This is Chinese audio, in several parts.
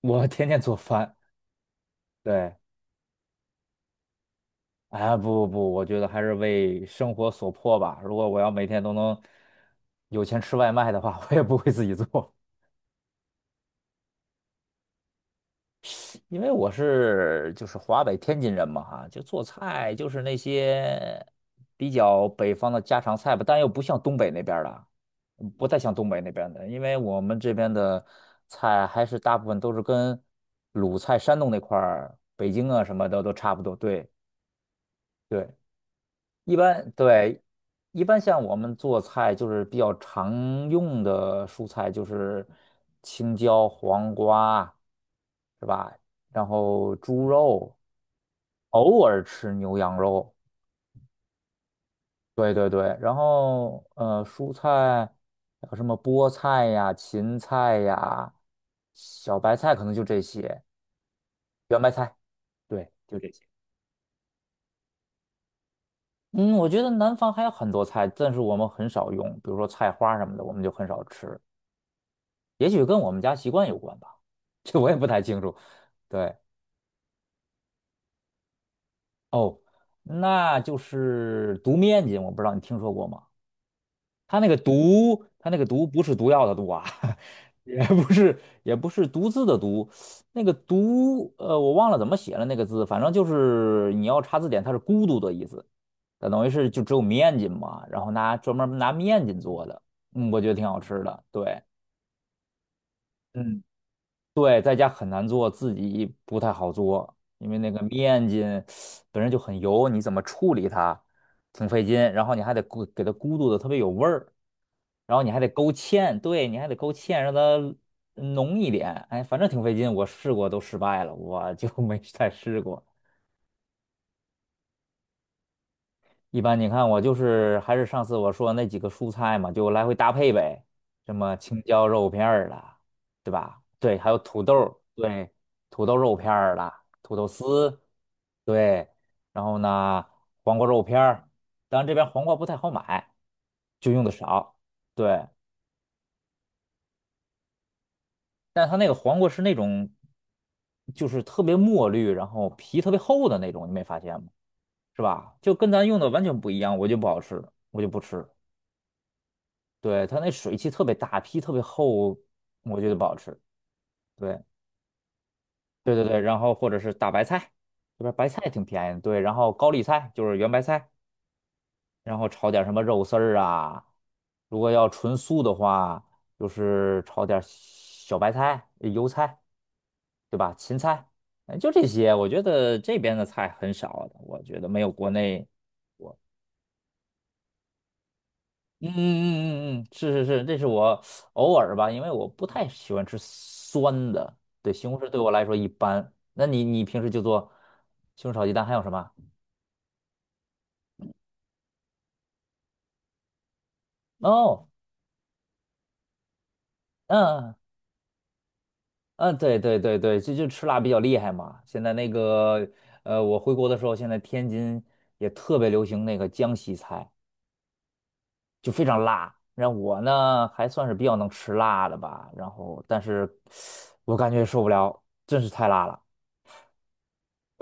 我天天做饭，对。啊，不不不，我觉得还是为生活所迫吧。如果我要每天都能有钱吃外卖的话，我也不会自己做。因为我是华北天津人嘛，哈，就做菜就是那些比较北方的家常菜吧，但又不像东北那边儿的，不太像东北那边的，因为我们这边的菜还是大部分都是跟鲁菜、山东那块儿、北京啊什么的都差不多。对对。一般对，一般像我们做菜就是比较常用的蔬菜就是青椒、黄瓜，是吧？然后猪肉，偶尔吃牛羊肉。对对对。然后蔬菜有什么菠菜呀、芹菜呀、小白菜，可能就这些，圆白菜，对，就这些。嗯，我觉得南方还有很多菜，但是我们很少用，比如说菜花什么的，我们就很少吃。也许跟我们家习惯有关吧，这我也不太清楚。对。哦，那就是毒面筋，我不知道你听说过吗？它那个毒，它那个毒不是毒药的毒啊。也不是毒字的毒。那个毒，我忘了怎么写了那个字，反正就是你要查字典，它是孤独的意思。它等于是就只有面筋嘛，然后专门拿面筋做的，嗯，我觉得挺好吃的，对。嗯。对，在家很难做，自己不太好做，因为那个面筋本身就很油，你怎么处理它，挺费劲，然后你还得咕给它咕嘟的特别有味儿，然后你还得勾芡让它浓一点。哎，反正挺费劲，我试过都失败了，我就 没再试过。一般你看我就是还是上次我说那几个蔬菜嘛，就来回搭配呗。什么青椒肉片儿啦，对吧？对，还有土豆儿，对，土豆肉片儿啦，土豆丝。对，然后呢，黄瓜肉片儿，当然这边黄瓜不太好买，就用的少。对，但它那个黄瓜是那种，就是特别墨绿，然后皮特别厚的那种，你没发现吗？是吧？就跟咱用的完全不一样，我就不好吃，我就不吃。对，它那水汽特别大，皮特别厚，我觉得不好吃。对。对对对，然后或者是大白菜，这边白菜挺便宜的。对，然后高丽菜就是圆白菜，然后炒点什么肉丝儿啊。如果要纯素的话，就是炒点小白菜、油菜，对吧？芹菜。哎，就这些。我觉得这边的菜很少的，我觉得没有国内。我。嗯，是是是，这是我偶尔吧，因为我不太喜欢吃酸的。对，西红柿对我来说一般。那你平时就做西红柿炒鸡蛋，还有什么？哦，嗯嗯对对对对，就吃辣比较厉害嘛。现在那个我回国的时候，现在天津也特别流行那个江西菜，就非常辣。然后我呢还算是比较能吃辣的吧，然后但是我感觉受不了，真是太辣了。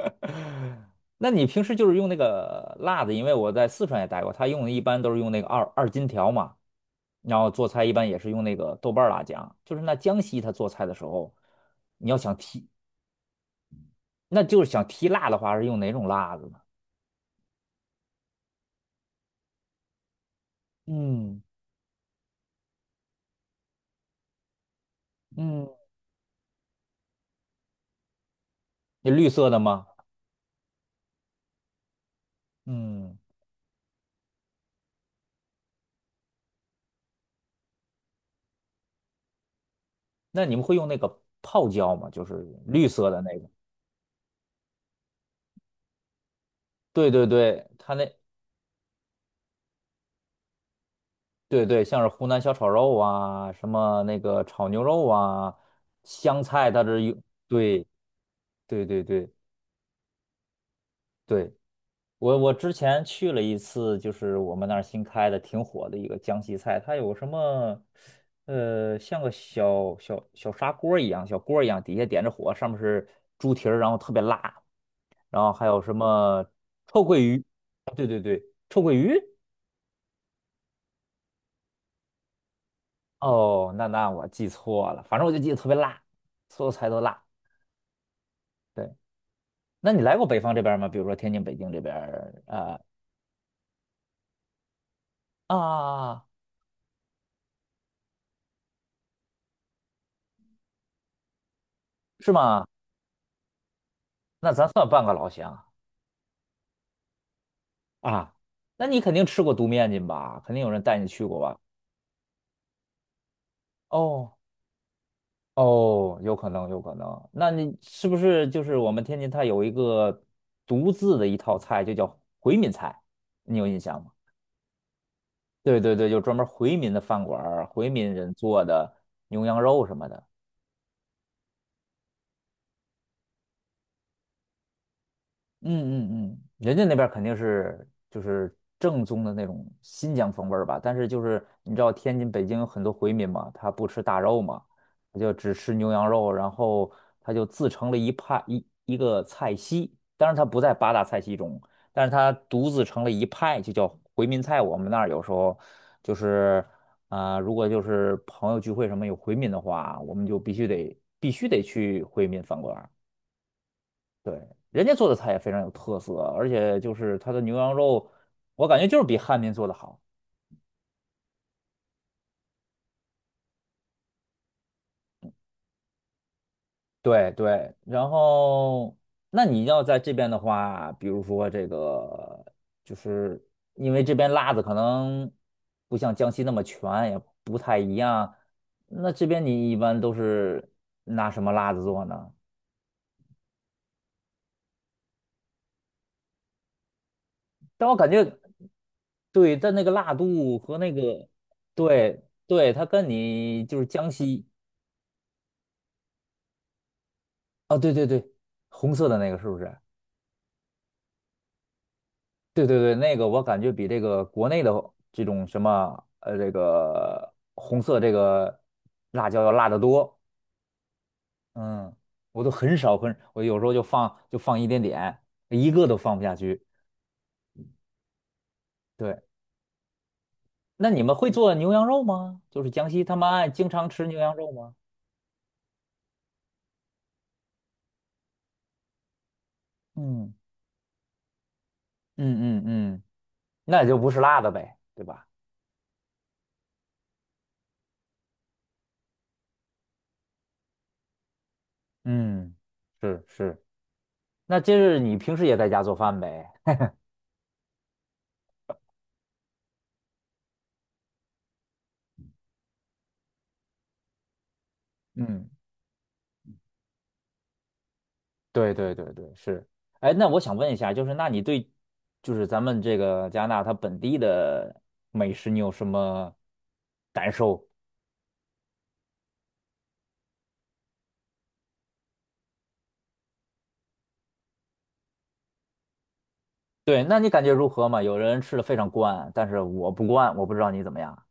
那你平时就是用那个辣子，因为我在四川也待过，他用的一般都是用那个荆条嘛，然后做菜一般也是用那个豆瓣儿辣酱。就是那江西他做菜的时候，你要想提，那就是想提辣的话是用哪种辣子呢？嗯嗯，那绿色的吗？嗯，那你们会用那个泡椒吗？就是绿色的那个。对对对，它那对对，像是湖南小炒肉啊，什么那个炒牛肉啊，香菜它这有，对对对对对。我之前去了一次，就是我们那儿新开的挺火的一个江西菜，它有什么，像个小砂锅儿一样，小锅儿一样，底下点着火，上面是猪蹄儿，然后特别辣，然后还有什么臭鳜鱼，对，臭鳜鱼。哦，那那我记错了，反正我就记得特别辣，所有菜都辣。对，那你来过北方这边儿吗？比如说天津、北京这边儿，啊，是吗？那咱算半个老乡。啊，那你肯定吃过独面筋吧？肯定有人带你去过吧？哦，哦，有可能，有可能。那你是不是我们天津它有一个独自的一套菜，就叫回民菜，你有印象吗？对对对，就专门回民的饭馆儿回民人做的牛羊肉什么的。嗯嗯嗯，人家那边儿肯定是就是正宗的那种新疆风味儿吧。但是就是你知道天津、北京有很多回民嘛，他不吃大肉嘛，他就只吃牛羊肉，然后他就自成了一派，一个菜系，当然他不在八大菜系中，但是他独自成了一派，就叫回民菜。我们那儿有时候就是啊、如果就是朋友聚会什么有回民的话，我们就必须得去回民饭馆。对，人家做的菜也非常有特色，而且就是它的牛羊肉，我感觉就是比汉民做的好。对对，然后那你要在这边的话，比如说这个，就是因为这边辣子可能不像江西那么全，也不太一样。那这边你一般都是拿什么辣子做呢？但我感觉，对，但那个辣度和那个，对对，它跟你就是江西。啊，对对对，红色的那个是不是？对对对，那个我感觉比这个国内的这种什么这个红色这个辣椒要辣得多。嗯，我都很少很，我有时候就放一点点，一个都放不下去。对，那你们会做牛羊肉吗？就是江西他们爱经常吃牛羊肉吗？嗯嗯嗯，那也就不是辣的呗，对吧？嗯，是是，那这是你平时也在家做饭呗？嗯。对对对对，是。哎，那我想问一下，就是那你对，就是咱们这个加拿大它本地的美食，你有什么感受？对，那你感觉如何嘛？有人吃的非常惯，但是我不惯，我不知道你怎么样。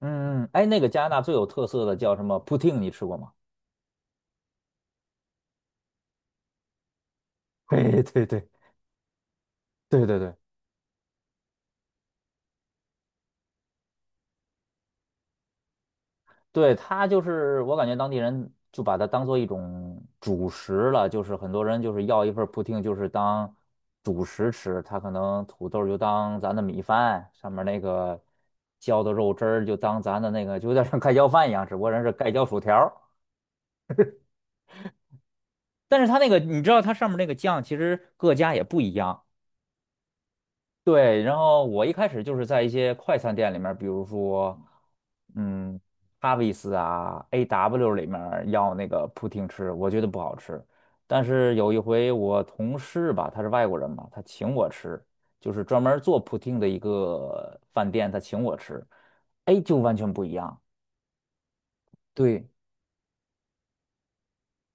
嗯，嗯嗯，哎，那个加拿大最有特色的叫什么 poutine，你吃过吗？对对对对对对。对，它就是我感觉当地人就把它当做一种主食了，就是很多人就是要一份儿 p o 就是当主食吃。他可能土豆儿就当咱的米饭，上面那个浇的肉汁儿就当咱的那个，就有点像盖浇饭一样，只不过人是盖浇薯条儿。但是它那个你知道它上面那个酱，其实各家也不一样。对，然后我一开始就是在一些快餐店里面儿比如说，嗯，哈维斯啊、AW 里面儿要那个扑汀吃，我觉得不好吃。但是有一回我同事吧，他是外国人嘛，他请我吃，就是专门儿做扑汀的一个饭店，他请我吃。哎，就完全不一样。对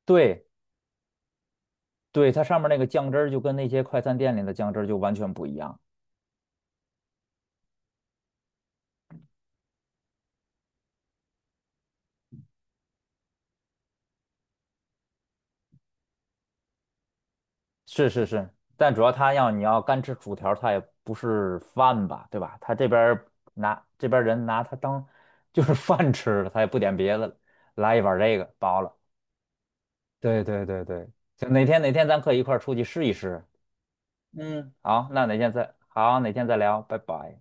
对对，它上面那个酱汁儿就跟那些快餐店里的酱汁儿就完全不一样。是是是，但主要他要你要干吃薯条儿他也不是饭吧，对吧？他这边儿拿这边儿人拿他当就是 饭吃了，他也不点别的了，来一碗这个饱了。对对对对，行，哪天咱可以一块儿出去试一试。嗯，好，那哪天再好，哪天再聊，拜拜。